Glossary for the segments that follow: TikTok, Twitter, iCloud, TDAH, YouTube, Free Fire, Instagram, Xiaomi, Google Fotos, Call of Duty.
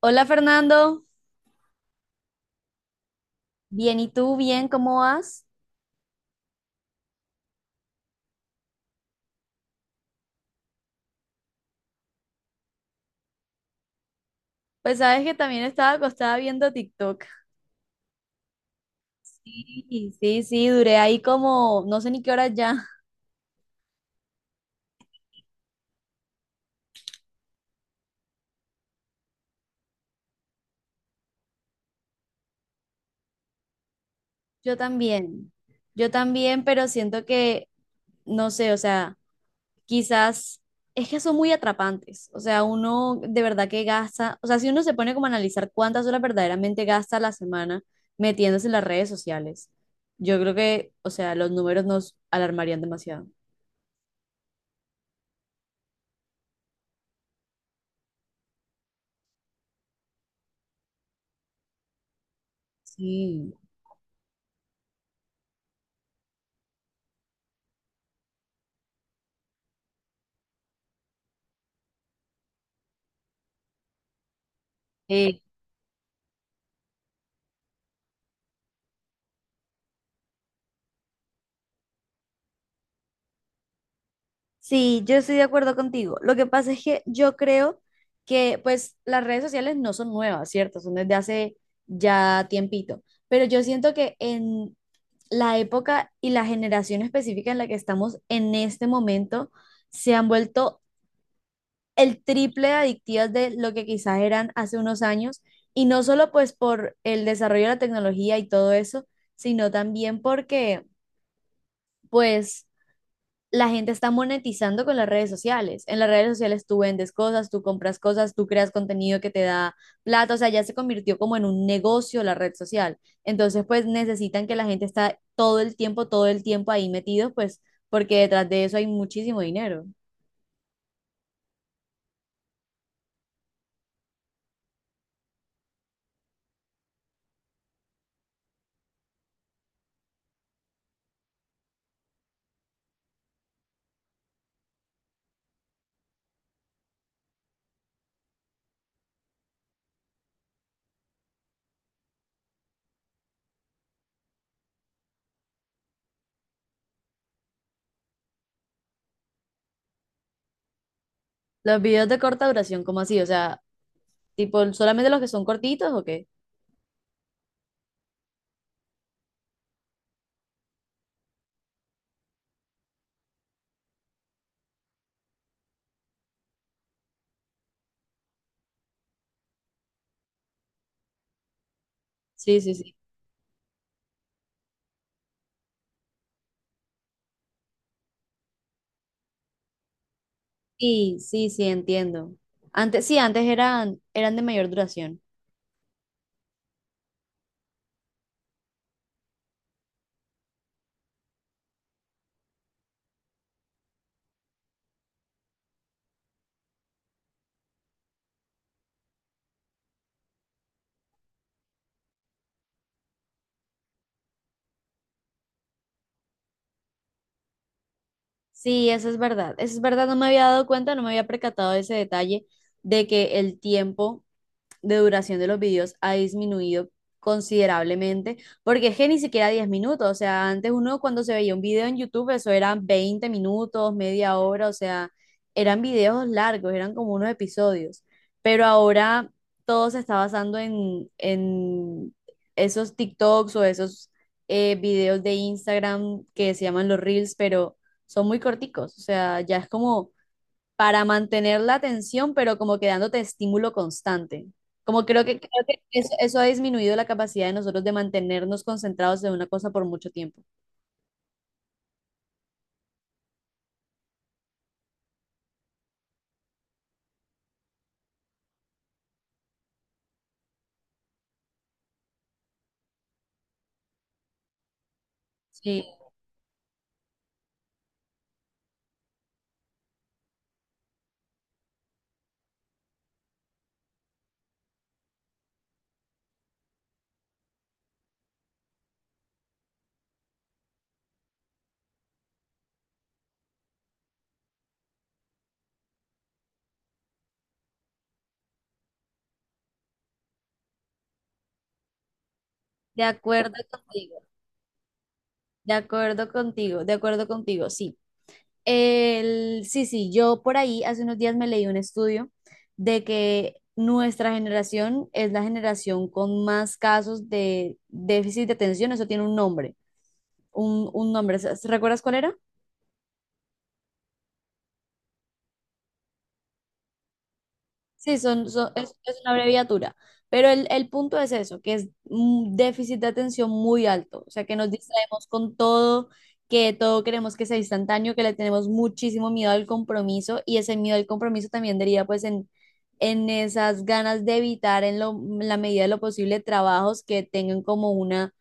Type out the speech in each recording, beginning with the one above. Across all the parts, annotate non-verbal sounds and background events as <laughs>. Hola Fernando, bien, ¿y tú? Bien, ¿cómo vas? Pues sabes que también estaba acostada viendo TikTok. Sí, sí, sí, duré ahí como, no sé ni qué hora ya. <laughs> Yo también, yo también, pero siento que, no sé, o sea, quizás es que son muy atrapantes. O sea, uno de verdad que gasta, o sea, si uno se pone como a analizar cuántas horas verdaderamente gasta a la semana metiéndose en las redes sociales, yo creo que, o sea, los números nos alarmarían demasiado. Sí. Eh, Sí, yo estoy de acuerdo contigo. Lo que pasa es que yo creo que pues las redes sociales no son nuevas, ¿cierto? Son desde hace ya tiempito. Pero yo siento que en la época y la generación específica en la que estamos en este momento se han vuelto el triple de adictivas de lo que quizás eran hace unos años. Y no solo pues por el desarrollo de la tecnología y todo eso, sino también porque pues la gente está monetizando con las redes sociales. En las redes sociales tú vendes cosas, tú compras cosas, tú creas contenido que te da plata, o sea, ya se convirtió como en un negocio la red social. Entonces, pues necesitan que la gente está todo el tiempo ahí metidos, pues porque detrás de eso hay muchísimo dinero. Los videos de corta duración, ¿cómo así? O sea, tipo, ¿solamente los que son cortitos o qué? Sí, sí, sí. Sí, sí, sí, entiendo. Antes, sí, antes eran de mayor duración. Sí, eso es verdad. Eso es verdad, no me había dado cuenta, no me había percatado de ese detalle de que el tiempo de duración de los videos ha disminuido considerablemente, porque es que ni siquiera 10 minutos, o sea, antes uno cuando se veía un video en YouTube, eso eran 20 minutos, media hora, o sea, eran videos largos, eran como unos episodios, pero ahora todo se está basando en esos TikToks o esos videos de Instagram que se llaman los Reels, pero son muy corticos, o sea, ya es como para mantener la atención, pero como que dándote estímulo constante. Como creo que eso ha disminuido la capacidad de nosotros de mantenernos concentrados en una cosa por mucho tiempo. Sí, de acuerdo contigo, de acuerdo contigo, de acuerdo contigo, sí. Sí, sí, yo por ahí hace unos días me leí un estudio de que nuestra generación es la generación con más casos de déficit de atención, eso tiene un nombre, un nombre, ¿sabes? ¿Recuerdas cuál era? Sí, es una abreviatura, pero el punto es eso, que es un déficit de atención muy alto, o sea, que nos distraemos con todo, que todo queremos que sea instantáneo, que le tenemos muchísimo miedo al compromiso y ese miedo al compromiso también deriva pues en esas ganas de evitar en la medida de lo posible trabajos que tengan como una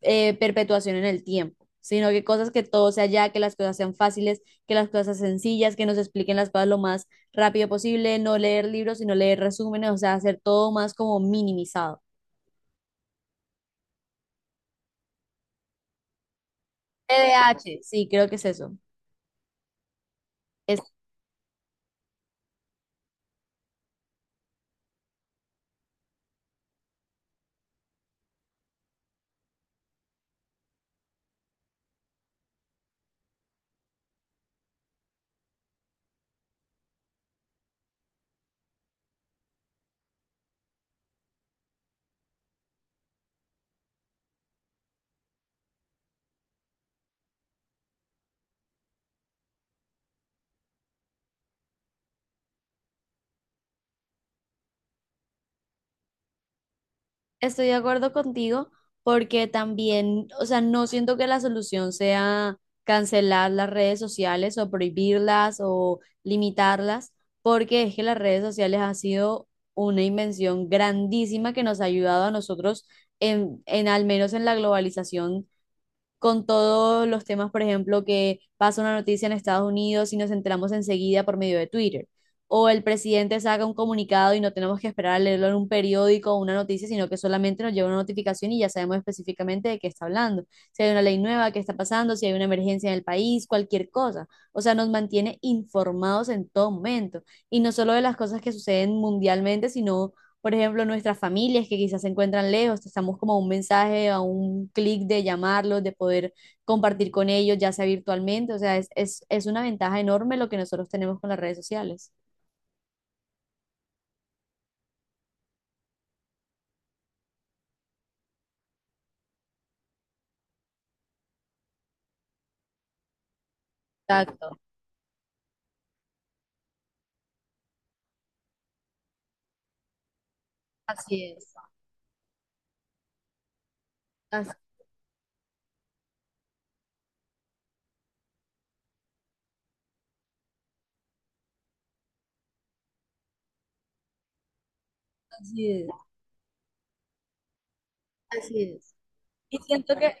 perpetuación en el tiempo, sino que cosas que todo sea ya, que las cosas sean fáciles, que las cosas sean sencillas, que nos expliquen las cosas lo más rápido posible, no leer libros, sino leer resúmenes, o sea, hacer todo más como minimizado. TDAH. Sí, creo que es eso. Es- Estoy de acuerdo contigo porque también, o sea, no siento que la solución sea cancelar las redes sociales o prohibirlas o limitarlas, porque es que las redes sociales han sido una invención grandísima que nos ha ayudado a nosotros en al menos en la globalización con todos los temas, por ejemplo, que pasa una noticia en Estados Unidos y nos enteramos enseguida por medio de Twitter. O el presidente saca un comunicado y no tenemos que esperar a leerlo en un periódico o una noticia, sino que solamente nos llega una notificación y ya sabemos específicamente de qué está hablando. Si hay una ley nueva, qué está pasando, si hay una emergencia en el país, cualquier cosa. O sea, nos mantiene informados en todo momento. Y no solo de las cosas que suceden mundialmente, sino por ejemplo, nuestras familias que quizás se encuentran lejos, estamos como a un mensaje, a un clic de llamarlos, de poder compartir con ellos, ya sea virtualmente, o sea, es una ventaja enorme lo que nosotros tenemos con las redes sociales. Exacto, así es, as- así es. Así es. Y siento que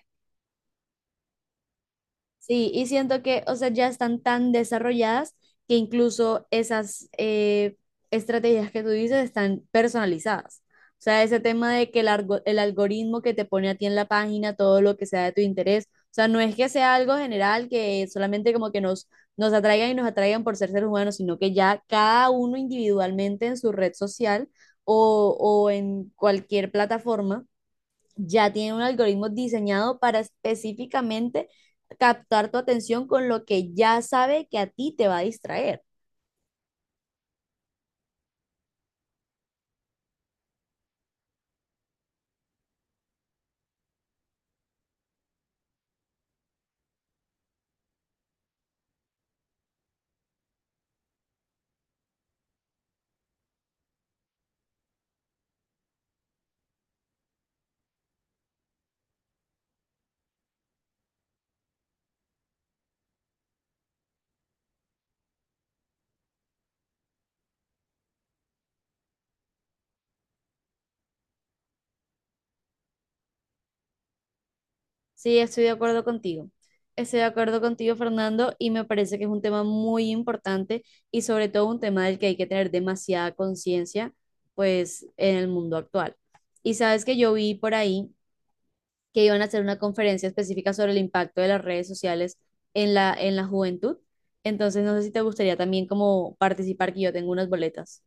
sí, y siento que, o sea, ya están tan desarrolladas que incluso esas estrategias que tú dices están personalizadas. O sea, ese tema de que el algoritmo que te pone a ti en la página, todo lo que sea de tu interés, o sea, no es que sea algo general que solamente como que nos, nos atraigan y nos atraigan por ser seres humanos, sino que ya cada uno individualmente en su red social o en cualquier plataforma ya tienen un algoritmo diseñado para específicamente captar tu atención con lo que ya sabe que a ti te va a distraer. Sí, estoy de acuerdo contigo. Estoy de acuerdo contigo, Fernando, y me parece que es un tema muy importante y sobre todo un tema del que hay que tener demasiada conciencia, pues, en el mundo actual. Y sabes que yo vi por ahí que iban a hacer una conferencia específica sobre el impacto de las redes sociales en la juventud. Entonces, no sé si te gustaría también como participar, que yo tengo unas boletas.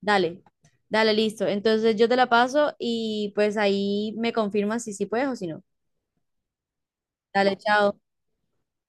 Dale, dale, listo. Entonces, yo te la paso y pues ahí me confirmas si sí puedes o si no. Dale, chao.